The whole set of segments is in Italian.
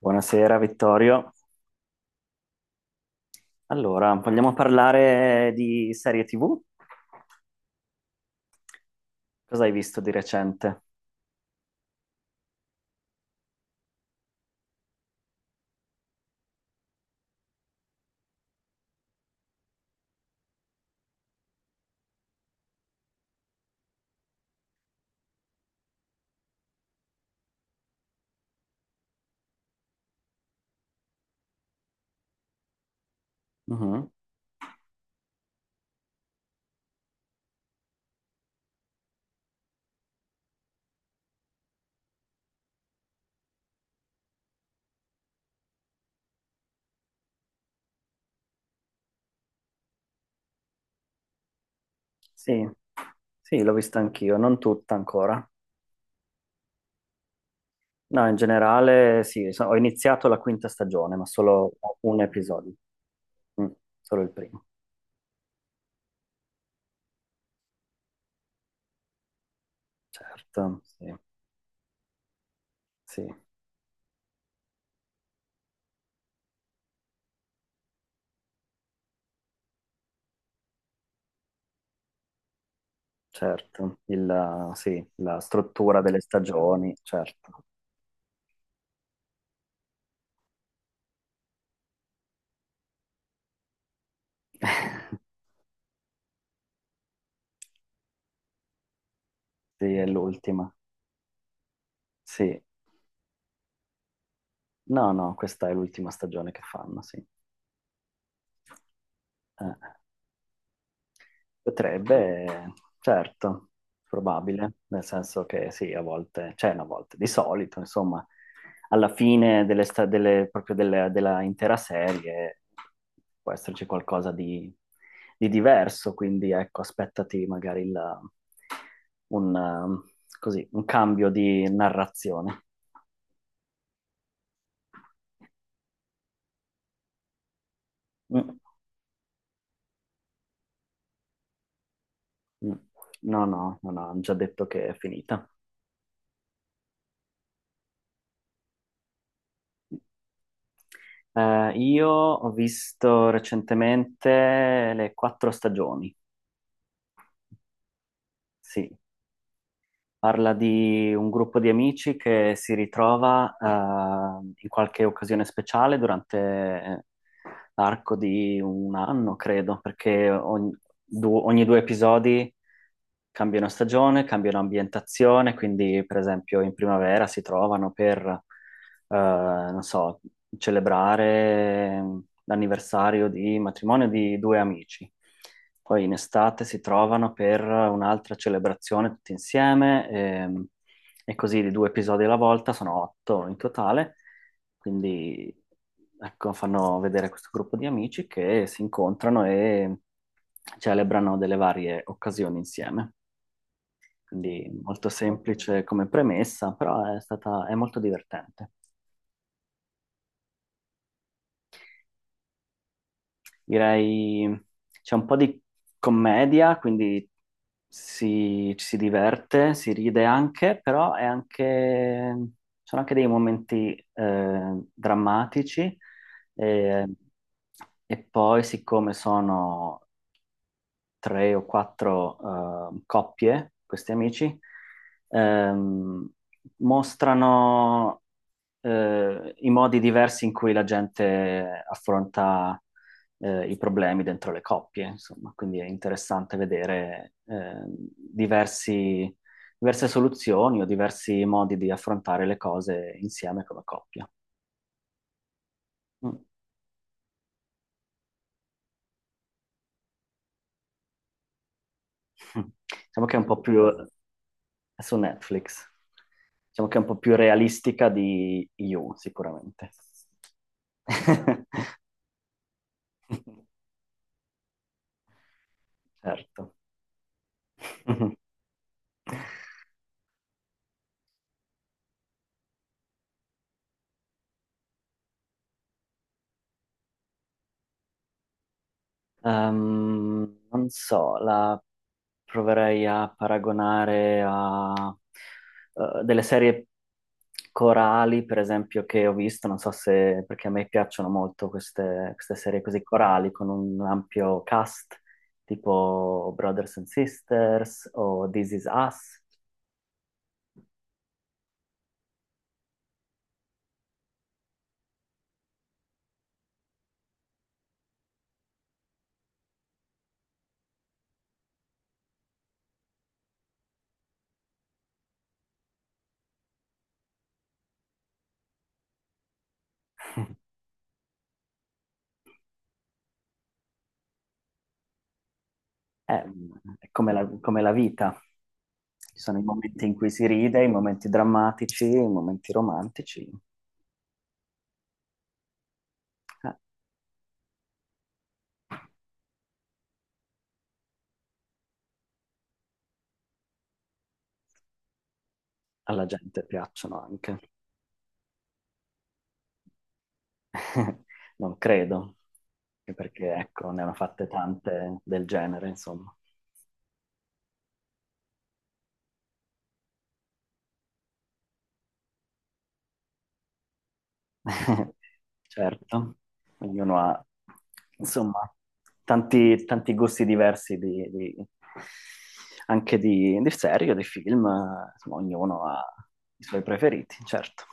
Buonasera Vittorio. Allora, vogliamo parlare di serie TV? Cosa hai visto di recente? Mhm. Sì, sì, l'ho vista anch'io, non tutta ancora. No, in generale sì, ho iniziato la quinta stagione, ma solo un episodio. Mm, solo il primo, certo, sì, certo. La struttura delle stagioni, certo. Sì, è l'ultima. Sì. No, no, questa è l'ultima stagione che fanno, sì. Eh. Potrebbe, certo, probabile, nel senso che sì, a volte, cioè no, a volte, di solito, insomma, alla fine delle sta- delle- proprio delle- della intera serie può esserci qualcosa di diverso, quindi ecco, aspettati magari un, um, così, un cambio di narrazione. Mm, mm. No, no, no, no, hanno già detto che è finita. Io ho visto recentemente le quattro stagioni, sì, parla di un gruppo di amici che si ritrova in qualche occasione speciale durante arco di un anno, credo, perché ogni due episodi cambiano stagione, cambiano ambientazione, quindi per esempio in primavera si trovano per, non so, celebrare l'anniversario di matrimonio di due amici. Poi in estate si trovano per un'altra celebrazione tutti insieme. E così di due episodi alla volta, sono otto in totale, quindi ecco, fanno vedere questo gruppo di amici che si incontrano e celebrano delle varie occasioni insieme. Quindi molto semplice come premessa, però è molto divertente. Direi c'è un po' di commedia, quindi si, ci si diverte, si ride anche, però è anche, sono anche dei momenti drammatici. E, e poi, siccome sono tre o quattro coppie, questi amici, ehm, mostrano i modi diversi in cui la gente affronta i problemi dentro le coppie, insomma, quindi è interessante vedere diverse soluzioni o diversi modi di affrontare le cose insieme come coppia. Mm. Diciamo che è un po' più è su Netflix, diciamo che è un po' più realistica di You, sicuramente. Certo. Non so, la proverei a paragonare a delle serie corali, per esempio, che ho visto, non so se, perché a me piacciono molto queste serie così corali, con un ampio cast, tipo Brothers and Sisters o This Is Us, è, è come come la vita. Ci sono i momenti in cui si ride, i momenti drammatici, i momenti romantici, eh, alla gente piacciono anche. Non credo, anche perché ecco, ne hanno fatte tante del genere, insomma. Certo, ognuno ha, insomma, tanti, tanti gusti diversi di- anche di serie, o di film, insomma, ognuno ha i suoi preferiti, certo.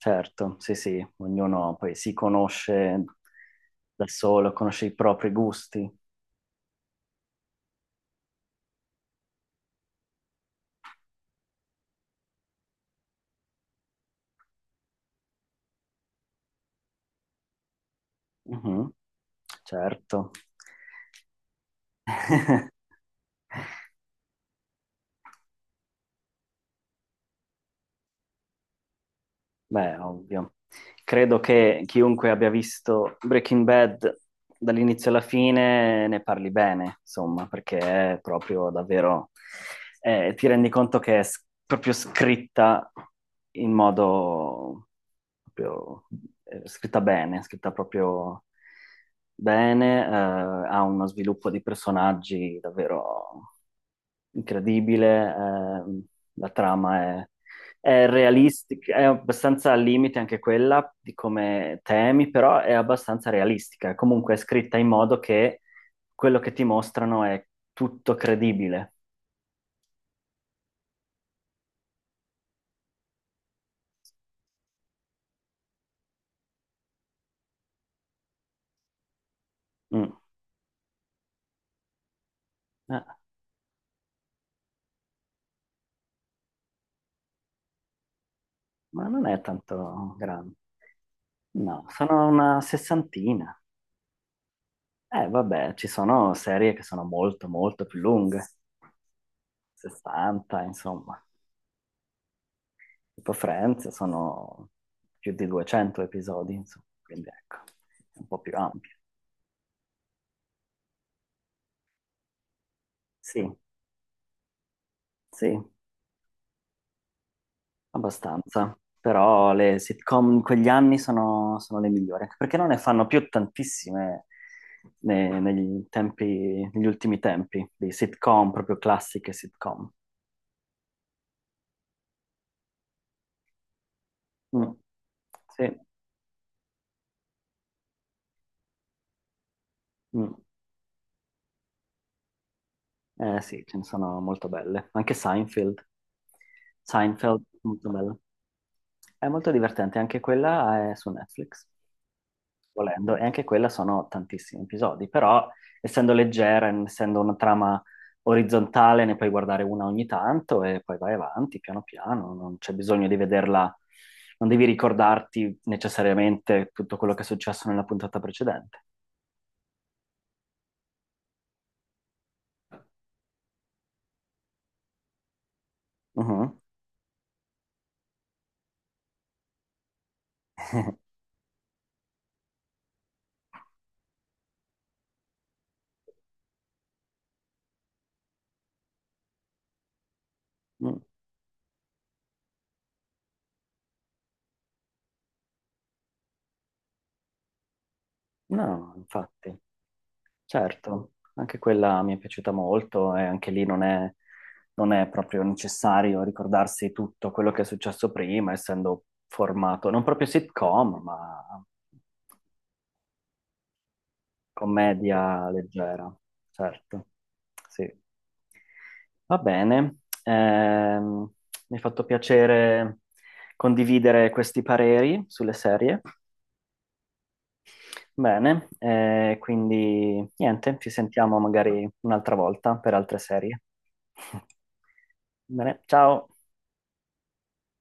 Certo, sì, sì, ognuno poi si conosce da solo, conosce i propri gusti. Mhm. Certo. Beh, ovvio. Credo che chiunque abbia visto Breaking Bad dall'inizio alla fine ne parli bene, insomma, perché è proprio davvero… ti rendi conto che proprio scritta in modo… proprio, scritta bene, scritta proprio bene, ha uno sviluppo di personaggi davvero incredibile. La trama è realistica, è abbastanza al limite anche quella di come temi, però è abbastanza realistica. Comunque è scritta in modo che quello che ti mostrano è tutto credibile. Mm. Eh, ma non è tanto grande. No, sono una sessantina. Vabbè, ci sono serie che sono molto, molto più lunghe, 60, insomma. Tipo Friends sono più di 200 episodi, insomma, quindi ecco, è un po' più ampio. Sì, sì, abbastanza. Però le sitcom in quegli anni sono, sono le migliori, anche perché non ne fanno più tantissime negli ultimi tempi, di sitcom, proprio classiche sitcom. Mm. Sì. Mm. Eh sì, ce ne sono molto belle. Anche Seinfeld. Seinfeld, molto bella. È molto divertente, anche quella è su Netflix, volendo, e anche quella sono tantissimi episodi, però essendo leggera, essendo una trama orizzontale, ne puoi guardare una ogni tanto e poi vai avanti piano piano, non c'è bisogno di vederla, non devi ricordarti necessariamente tutto quello che è successo nella puntata precedente. Mhm. Mm. No, infatti. Certo, anche quella mi è piaciuta molto e anche lì non è, non è proprio necessario ricordarsi tutto quello che è successo prima, essendo formato non proprio sitcom, ma commedia leggera, certo. Sì. Va bene, ehm, mi è fatto piacere condividere questi pareri sulle serie. Bene, quindi niente, ci sentiamo magari un'altra volta per altre serie. Bene, ciao.